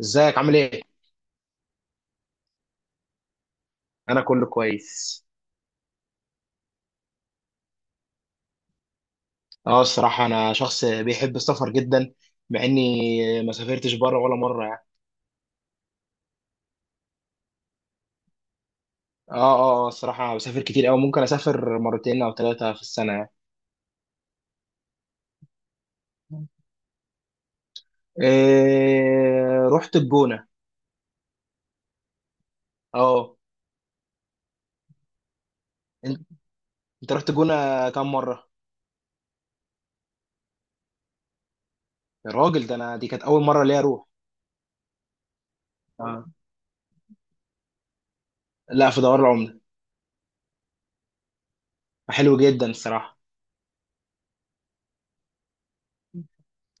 ازيك عامل ايه؟ انا كله كويس. اه، الصراحة انا شخص بيحب السفر جدا. مع اني ما سافرتش بره ولا مرة، يعني. اه، اه، اه، الصراحة أنا بسافر كتير اوي. ممكن اسافر مرتين او ثلاثة في السنة، يعني. إيه، رحت الجونة. اه. انت انت رحت الجونة كام مرة؟ يا راجل، ده انا دي كانت اول مرة ليا اروح. آه. لا، في دوار العملة. حلو جدا الصراحة.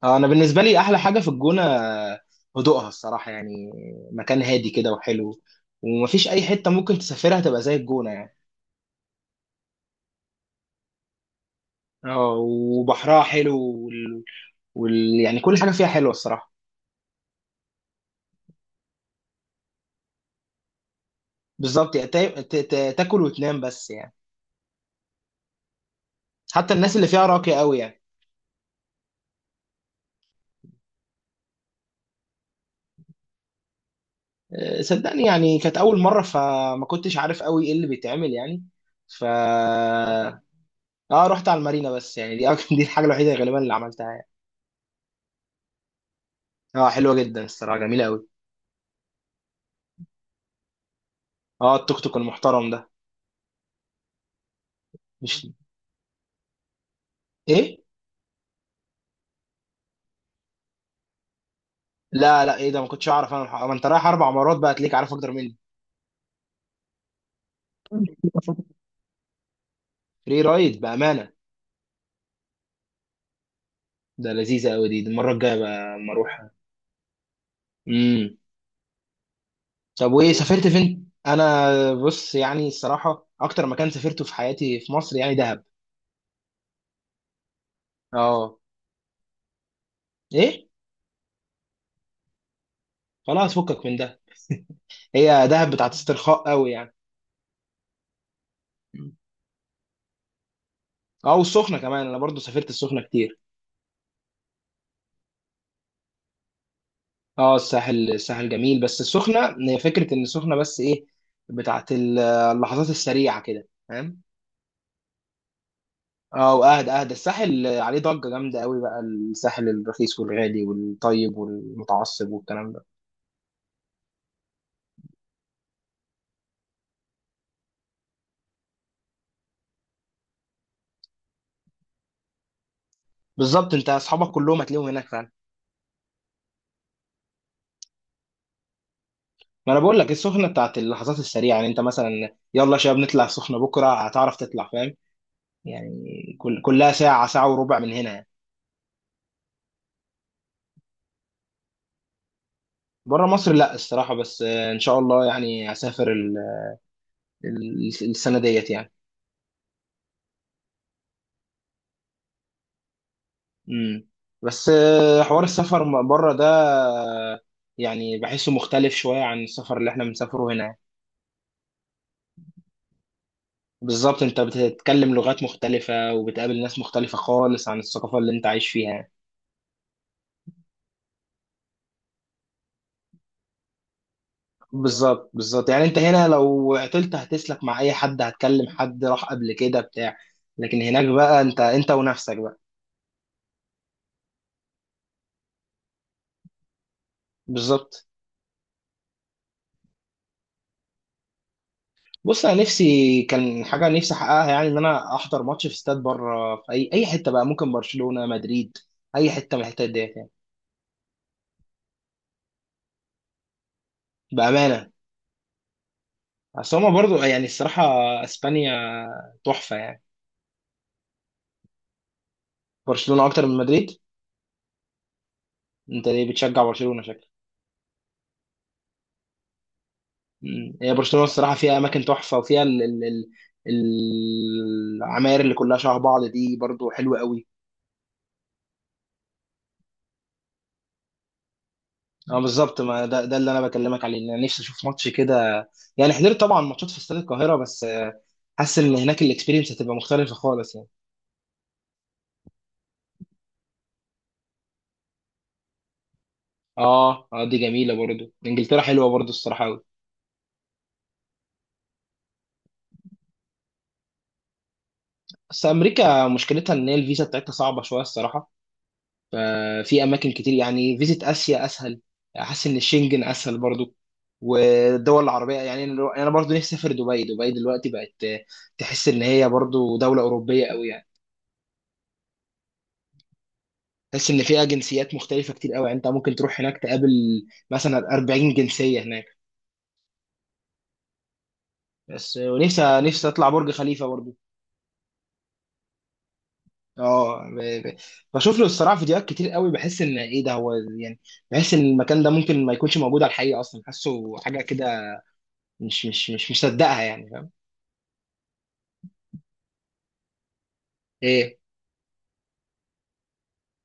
اه، انا بالنسبه لي احلى حاجه في الجونه هدوءها الصراحه، يعني. مكان هادي كده وحلو. ومفيش اي حته ممكن تسافرها تبقى زي الجونه، يعني. اه، وبحرها حلو. وال... يعني كل حاجه فيها حلوه الصراحه. بالظبط، يعني تاكل وتنام بس، يعني. حتى الناس اللي فيها راقيه قوي، يعني. صدقني، يعني كانت اول مره فما كنتش عارف قوي ايه اللي بيتعمل، يعني. ف اه رحت على المارينا، بس يعني دي الحاجه الوحيده غالبا اللي عملتها، يعني. اه، حلوه جدا الصراحه، جميله قوي. اه، التوك توك المحترم ده. مش. ايه؟ لا، لا، ايه ده، ما كنتش اعرف انا الحق. ما انت رايح 4 مرات بقى هتلاقيك عارف اكتر مني. فري رايد، بامانه. ده لذيذه قوي. دي المره الجايه بقى اما اروح. امم طب وايه سافرت فين انا؟ بص، يعني الصراحه اكتر مكان سافرته في حياتي في مصر يعني دهب. اه. ايه؟ خلاص، فكك من ده. هي دهب بتاعت استرخاء قوي، يعني. اه، والسخنه كمان انا برضو سافرت السخنه كتير. اه، الساحل الساحل جميل، بس السخنه هي فكره ان السخنه بس ايه، بتاعت اللحظات السريعه كده، فاهم؟ اه، واهدى. اهدى الساحل عليه ضجه جامده قوي بقى. الساحل الرخيص والغالي والطيب والمتعصب والكلام ده. بالظبط، انت اصحابك كلهم هتلاقيهم هناك فعلا. ما انا بقول لك السخنه بتاعت اللحظات السريعه، يعني انت مثلا، يلا يا شباب نطلع السخنه بكره، هتعرف تطلع فاهم. يعني. كلها ساعه ساعه وربع من هنا، يعني. بره مصر، لا الصراحه. بس ان شاء الله يعني هسافر السنه ديت، يعني. امم بس حوار السفر بره ده، يعني بحسه مختلف شوية عن السفر اللي احنا بنسافره هنا. بالظبط، انت بتتكلم لغات مختلفة وبتقابل ناس مختلفة خالص عن الثقافة اللي انت عايش فيها. بالظبط، بالظبط، يعني انت هنا لو عطلت هتسلك مع اي حد، هتكلم حد راح قبل كده بتاع. لكن هناك بقى انت ونفسك بقى. بالظبط. بص، انا نفسي كان حاجة نفسي احققها يعني ان انا احضر ماتش في استاد بره في اي حتة بقى، ممكن برشلونة، مدريد. اي حتة من الحتت دي. بأمانة. اصل هما برضو يعني الصراحة، اسبانيا، تحفة يعني. برشلونة اكتر من مدريد. انت ليه بتشجع برشلونة، شكلك؟ مم. هي برشلونة الصراحة فيها اماكن تحفة، وفيها ال ال ال العماير اللي كلها شبه بعض دي برضو حلوة قوي. اه بالظبط، ما ده اللي انا بكلمك عليه، ان انا نفسي اشوف ماتش كده. يعني حضرت طبعا ماتشات في استاد القاهرة، بس حاسس ان هناك الاكسبيرينس هتبقى مختلفة خالص، يعني. اه، اه، دي جميلة برضو، انجلترا حلوة برضو الصراحة قوي. بس امريكا مشكلتها ان هي الفيزا بتاعتها صعبة شوية الصراحة. ففي اماكن كتير، يعني فيزيت اسيا اسهل. حاسس ان الشنجن اسهل برضو. والدول العربيه، يعني انا برضو نفسي اسافر دبي. دبي دلوقتي بقت تحس ان هي برضو دوله اوروبيه قوي، يعني. تحس ان فيها جنسيات مختلفه كتير قوي، يعني انت ممكن تروح هناك تقابل مثلا 40 جنسيه هناك. بس ونفسي نفسي اطلع برج خليفه برضو. اه. بشوف له الصراحه فيديوهات كتير قوي، بحس ان ايه ده هو، يعني. بحس ان المكان ده ممكن ما يكونش موجود على الحقيقه اصلا، حاسه حاجه كده، مش مصدقها، يعني. ايه؟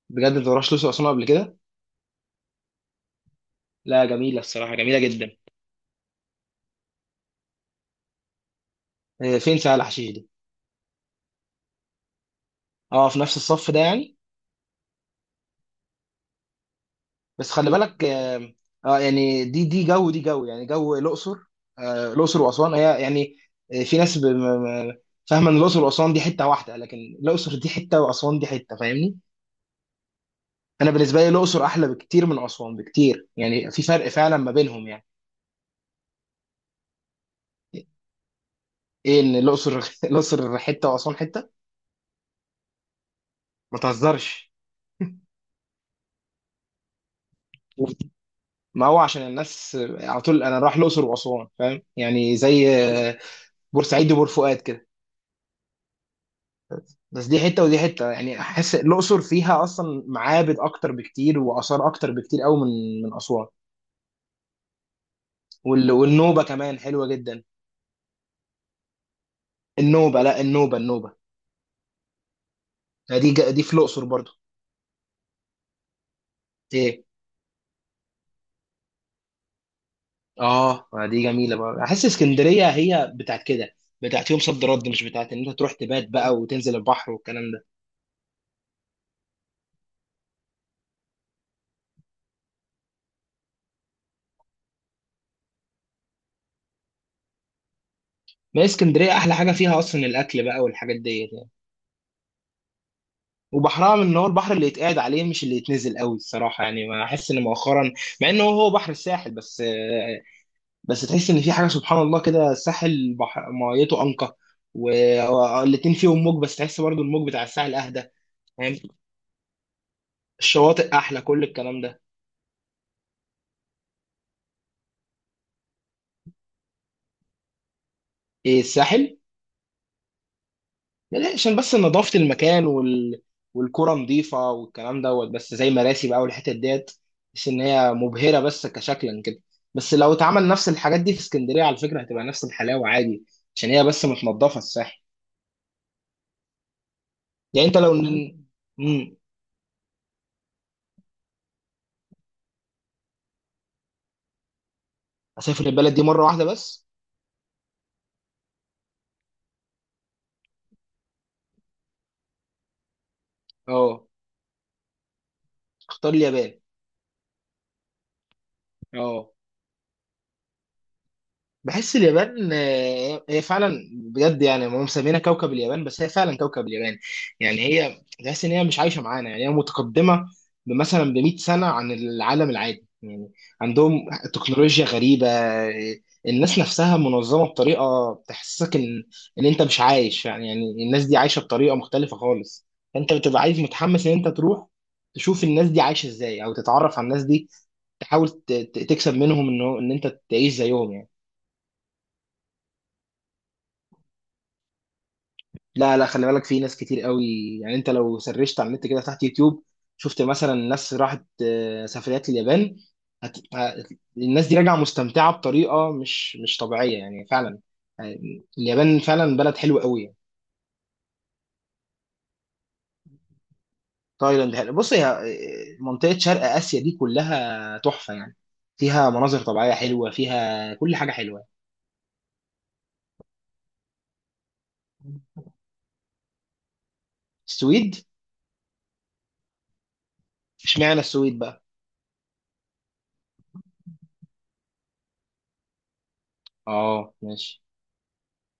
بجد، انت ما رحتش الاقصر واسوان قبل كده؟ لا، جميله الصراحه، جميله جدا. إيه، فين سهل حشيش دي؟ اه، في نفس الصف ده، يعني. بس خلي بالك، اه. يعني دي جو، دي جو يعني جو الاقصر. الاقصر واسوان هي، يعني. في ناس فاهمه ان الاقصر واسوان دي حته واحده، لكن الاقصر دي حته واسوان دي حته، فاهمني؟ انا بالنسبه لي الاقصر احلى بكتير من اسوان بكتير، يعني في فرق فعلا ما بينهم، يعني. ايه، ان الاقصر الاقصر حته واسوان حته. ما تهزرش. ما هو عشان الناس على طول انا رايح الاقصر واسوان فاهم، يعني زي بورسعيد وبور فؤاد كده. بس دي حته ودي حته، يعني احس الاقصر فيها اصلا معابد اكتر بكتير واثار اكتر بكتير قوي من اسوان. والنوبه كمان حلوه جدا. النوبه، لا، النوبه، النوبه. دي في الاقصر برضو. ايه؟ اه، ما دي جميله بقى. احس اسكندريه هي بتاعت كده، بتاعت يوم صد رد، مش بتاعت ان انت تروح تبات بقى وتنزل البحر والكلام ده. ما هي اسكندريه احلى حاجه فيها اصلا الاكل بقى والحاجات دي. وبحرها ان هو البحر اللي يتقعد عليه، مش اللي يتنزل قوي الصراحه، يعني ما احس ان مؤخرا، مع انه هو بحر الساحل بس، بس تحس ان في حاجه سبحان الله كده، الساحل بحر ميته انقى. والاتنين فيهم موج، بس تحس برضو الموج بتاع الساحل اهدى. فاهم؟ الشواطئ احلى، كل الكلام ده. ايه، الساحل؟ لا، عشان بس نظافة المكان، والكرة نظيفة والكلام دوت، بس زي مراسي بقى والحتت ديت، بس إن هي مبهرة بس كشكلا كده. بس لو اتعمل نفس الحاجات دي في اسكندرية على فكرة هتبقى نفس الحلاوة عادي. عشان هي بس متنضفة الساحل. يعني أنت لو، امم أسافر البلد دي مرة واحدة بس. أه. اختار اليابان. أه. بحس اليابان هي فعلا بجد، يعني هم مسمينها كوكب اليابان، بس هي فعلا كوكب اليابان. يعني هي تحس ان هي مش عايشه معانا، يعني هي متقدمه مثلا ب 100 سنه عن العالم العادي، يعني. عندهم تكنولوجيا غريبه. الناس نفسها منظمه بطريقه تحسسك ان انت مش عايش، يعني الناس دي عايشه بطريقه مختلفه خالص. فانت بتبقى عايز متحمس ان انت تروح تشوف الناس دي عايشه ازاي، او تتعرف على الناس دي، تحاول تكسب منهم انه ان انت تعيش زيهم، يعني. لا، لا، خلي بالك في ناس كتير قوي. يعني انت لو سرشت على النت كده تحت يوتيوب، شفت مثلا ناس راحت سفريات اليابان، هت... ه- الناس دي راجعه مستمتعه بطريقه مش طبيعيه يعني فعلا. يعني اليابان فعلا بلد حلو قوي، يعني. تايلاند حلو. بص، هي منطقه شرق اسيا دي كلها تحفه، يعني. فيها مناظر طبيعيه حلوه، فيها كل حاجه حلوه. السويد؟ اشمعنى السويد بقى؟ اه، ماشي.